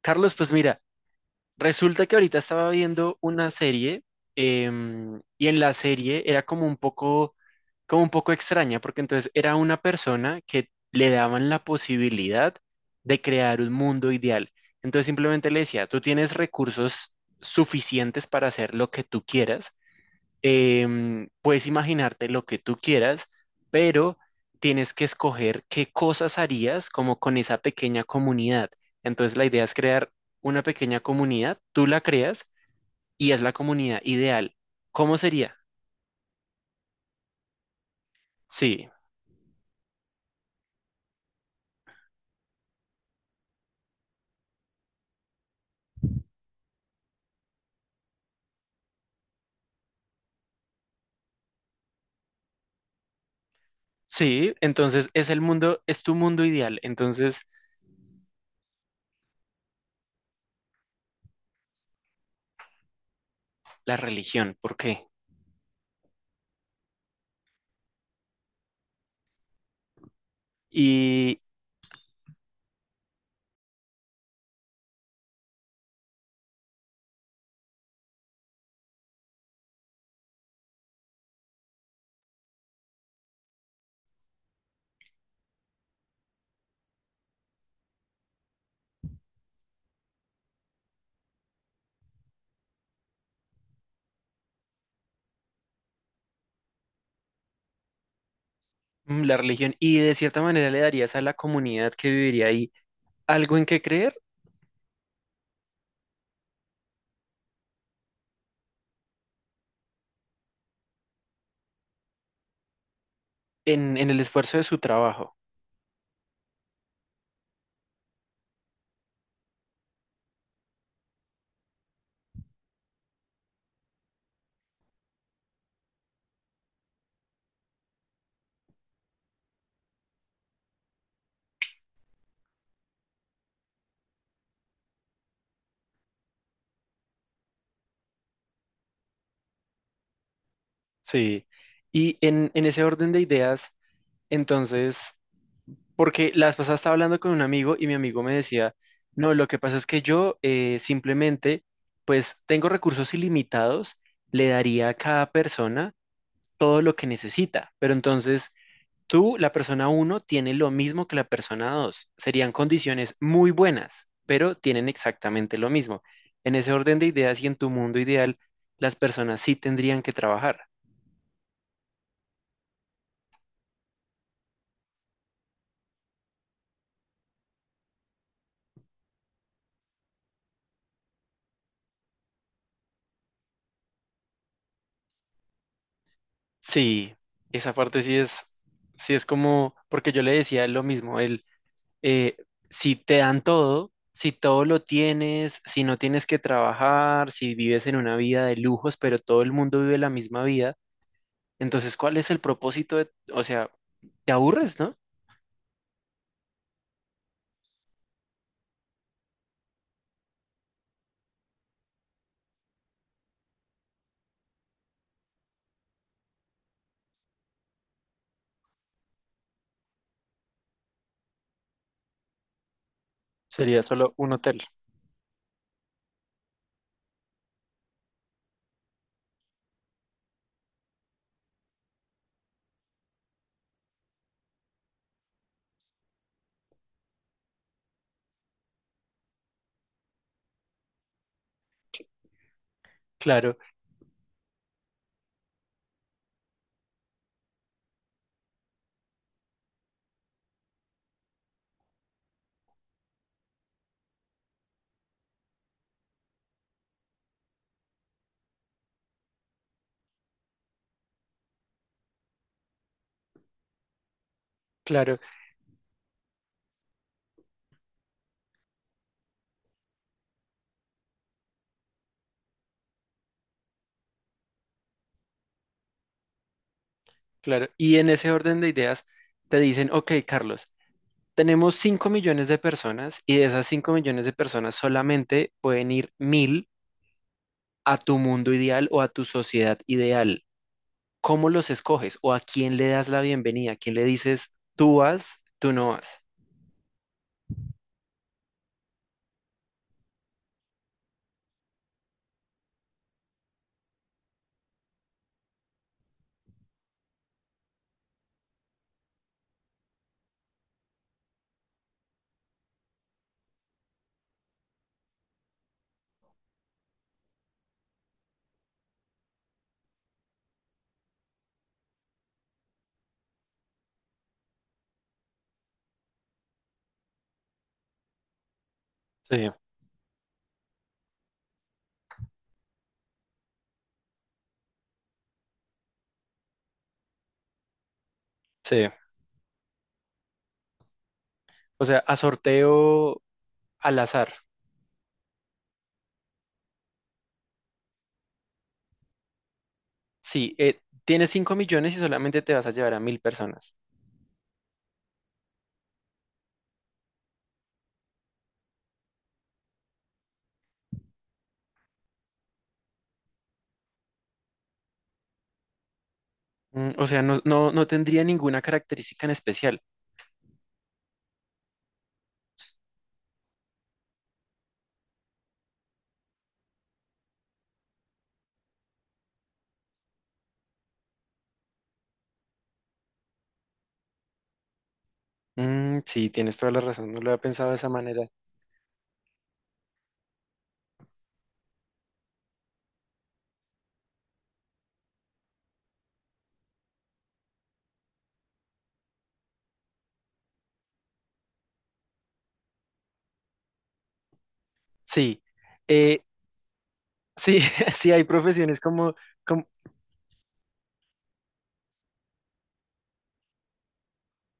Carlos, pues mira, resulta que ahorita estaba viendo una serie y en la serie era como un poco extraña, porque entonces era una persona que le daban la posibilidad de crear un mundo ideal. Entonces simplemente le decía, tú tienes recursos suficientes para hacer lo que tú quieras. Puedes imaginarte lo que tú quieras, pero tienes que escoger qué cosas harías como con esa pequeña comunidad. Entonces la idea es crear una pequeña comunidad, tú la creas y es la comunidad ideal. ¿Cómo sería? Sí, sí, entonces es el mundo, es tu mundo ideal. Entonces la religión, ¿por qué? Y la religión, y de cierta manera le darías a la comunidad que viviría ahí algo en qué creer, en el esfuerzo de su trabajo. Sí, y en ese orden de ideas, entonces, porque la vez pasada estaba hablando con un amigo y mi amigo me decía, no, lo que pasa es que yo simplemente, pues tengo recursos ilimitados, le daría a cada persona todo lo que necesita, pero entonces tú, la persona uno, tiene lo mismo que la persona 2, serían condiciones muy buenas, pero tienen exactamente lo mismo. En ese orden de ideas y en tu mundo ideal, las personas sí tendrían que trabajar. Sí, esa parte sí es como, porque yo le decía lo mismo, eh, si te dan todo, si todo lo tienes, si no tienes que trabajar, si vives en una vida de lujos, pero todo el mundo vive la misma vida, entonces, ¿cuál es el propósito de, o sea, te aburres, ¿no? Sería solo un hotel. Claro, claro, claro. Y en ese orden de ideas, te dicen, ok, Carlos, tenemos 5 millones de personas y de esas 5 millones de personas solamente pueden ir 1.000 a tu mundo ideal o a tu sociedad ideal. ¿Cómo los escoges o a quién le das la bienvenida? ¿A quién le dices tú vas, tú no vas? Sí, sí, o sea, a sorteo al azar. Sí, tienes 5 millones y solamente te vas a llevar a 1.000 personas. O sea, no, no, no tendría ninguna característica en especial. Mm, sí, tienes toda la razón, no lo había pensado de esa manera. Sí, eh, sí, sí hay profesiones como, como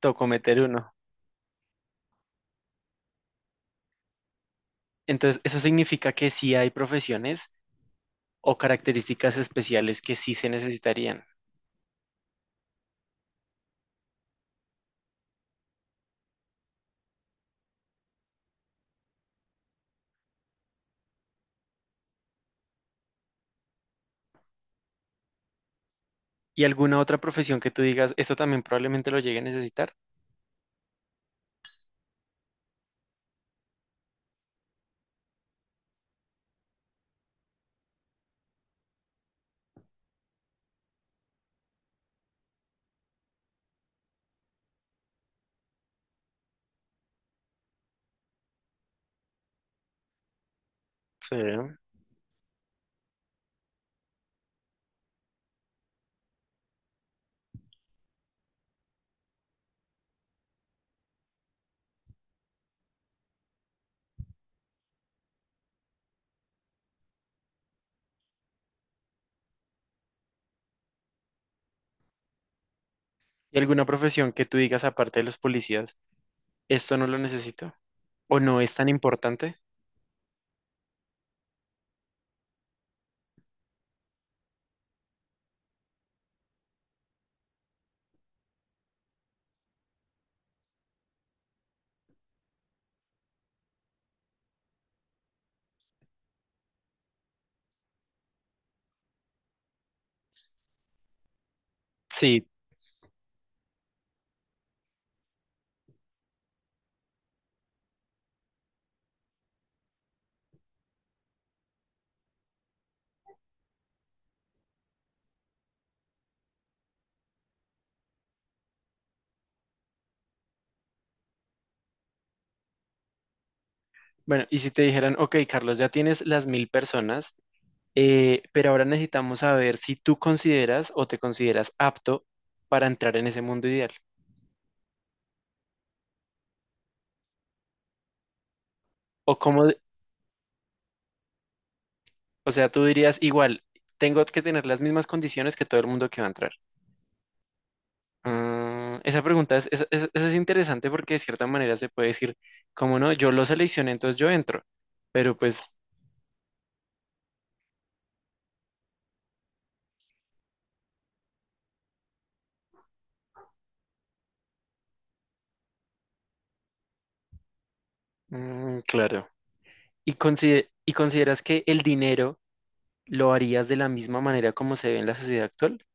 tocó meter uno. Entonces, eso significa que sí hay profesiones o características especiales que sí se necesitarían. ¿Y alguna otra profesión que tú digas, esto también probablemente lo llegue a necesitar? Sí. ¿Y alguna profesión que tú digas, aparte de los policías, esto no lo necesito? ¿O no es tan importante? Sí. Bueno, y si te dijeran, ok, Carlos, ya tienes las 1.000 personas, pero ahora necesitamos saber si tú consideras o te consideras apto para entrar en ese mundo ideal. O cómo. O sea, tú dirías igual, tengo que tener las mismas condiciones que todo el mundo que va a entrar. Mm, esa pregunta es, esa es interesante porque de cierta manera se puede decir, como no, yo lo seleccioné, entonces yo entro. Pero pues, mm, claro. ¿Y consideras que el dinero lo harías de la misma manera como se ve en la sociedad actual?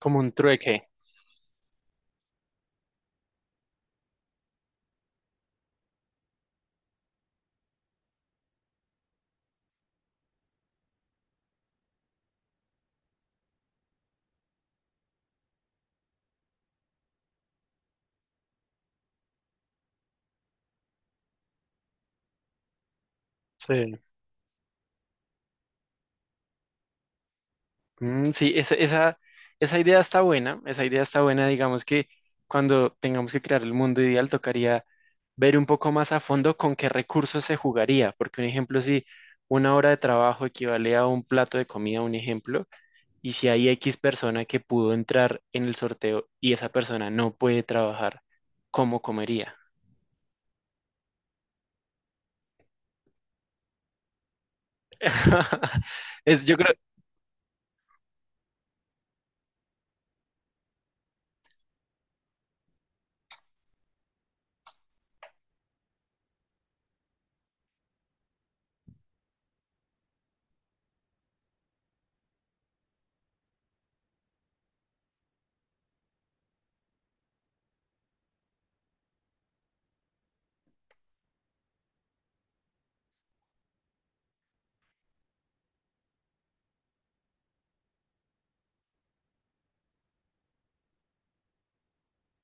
Como un trueque. Sí. Mm, sí, esa idea está buena, esa idea está buena, digamos que cuando tengamos que crear el mundo ideal tocaría ver un poco más a fondo con qué recursos se jugaría, porque un ejemplo, si una hora de trabajo equivale a un plato de comida, un ejemplo, y si hay X persona que pudo entrar en el sorteo y esa persona no puede trabajar, ¿cómo comería? Es, yo creo,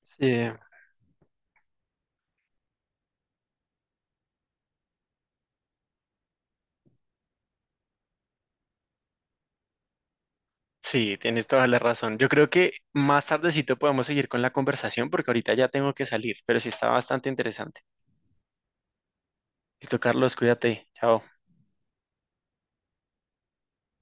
sí, sí, tienes toda la razón. Yo creo que más tardecito podemos seguir con la conversación porque ahorita ya tengo que salir, pero sí está bastante interesante. Listo, Carlos, cuídate. Chao.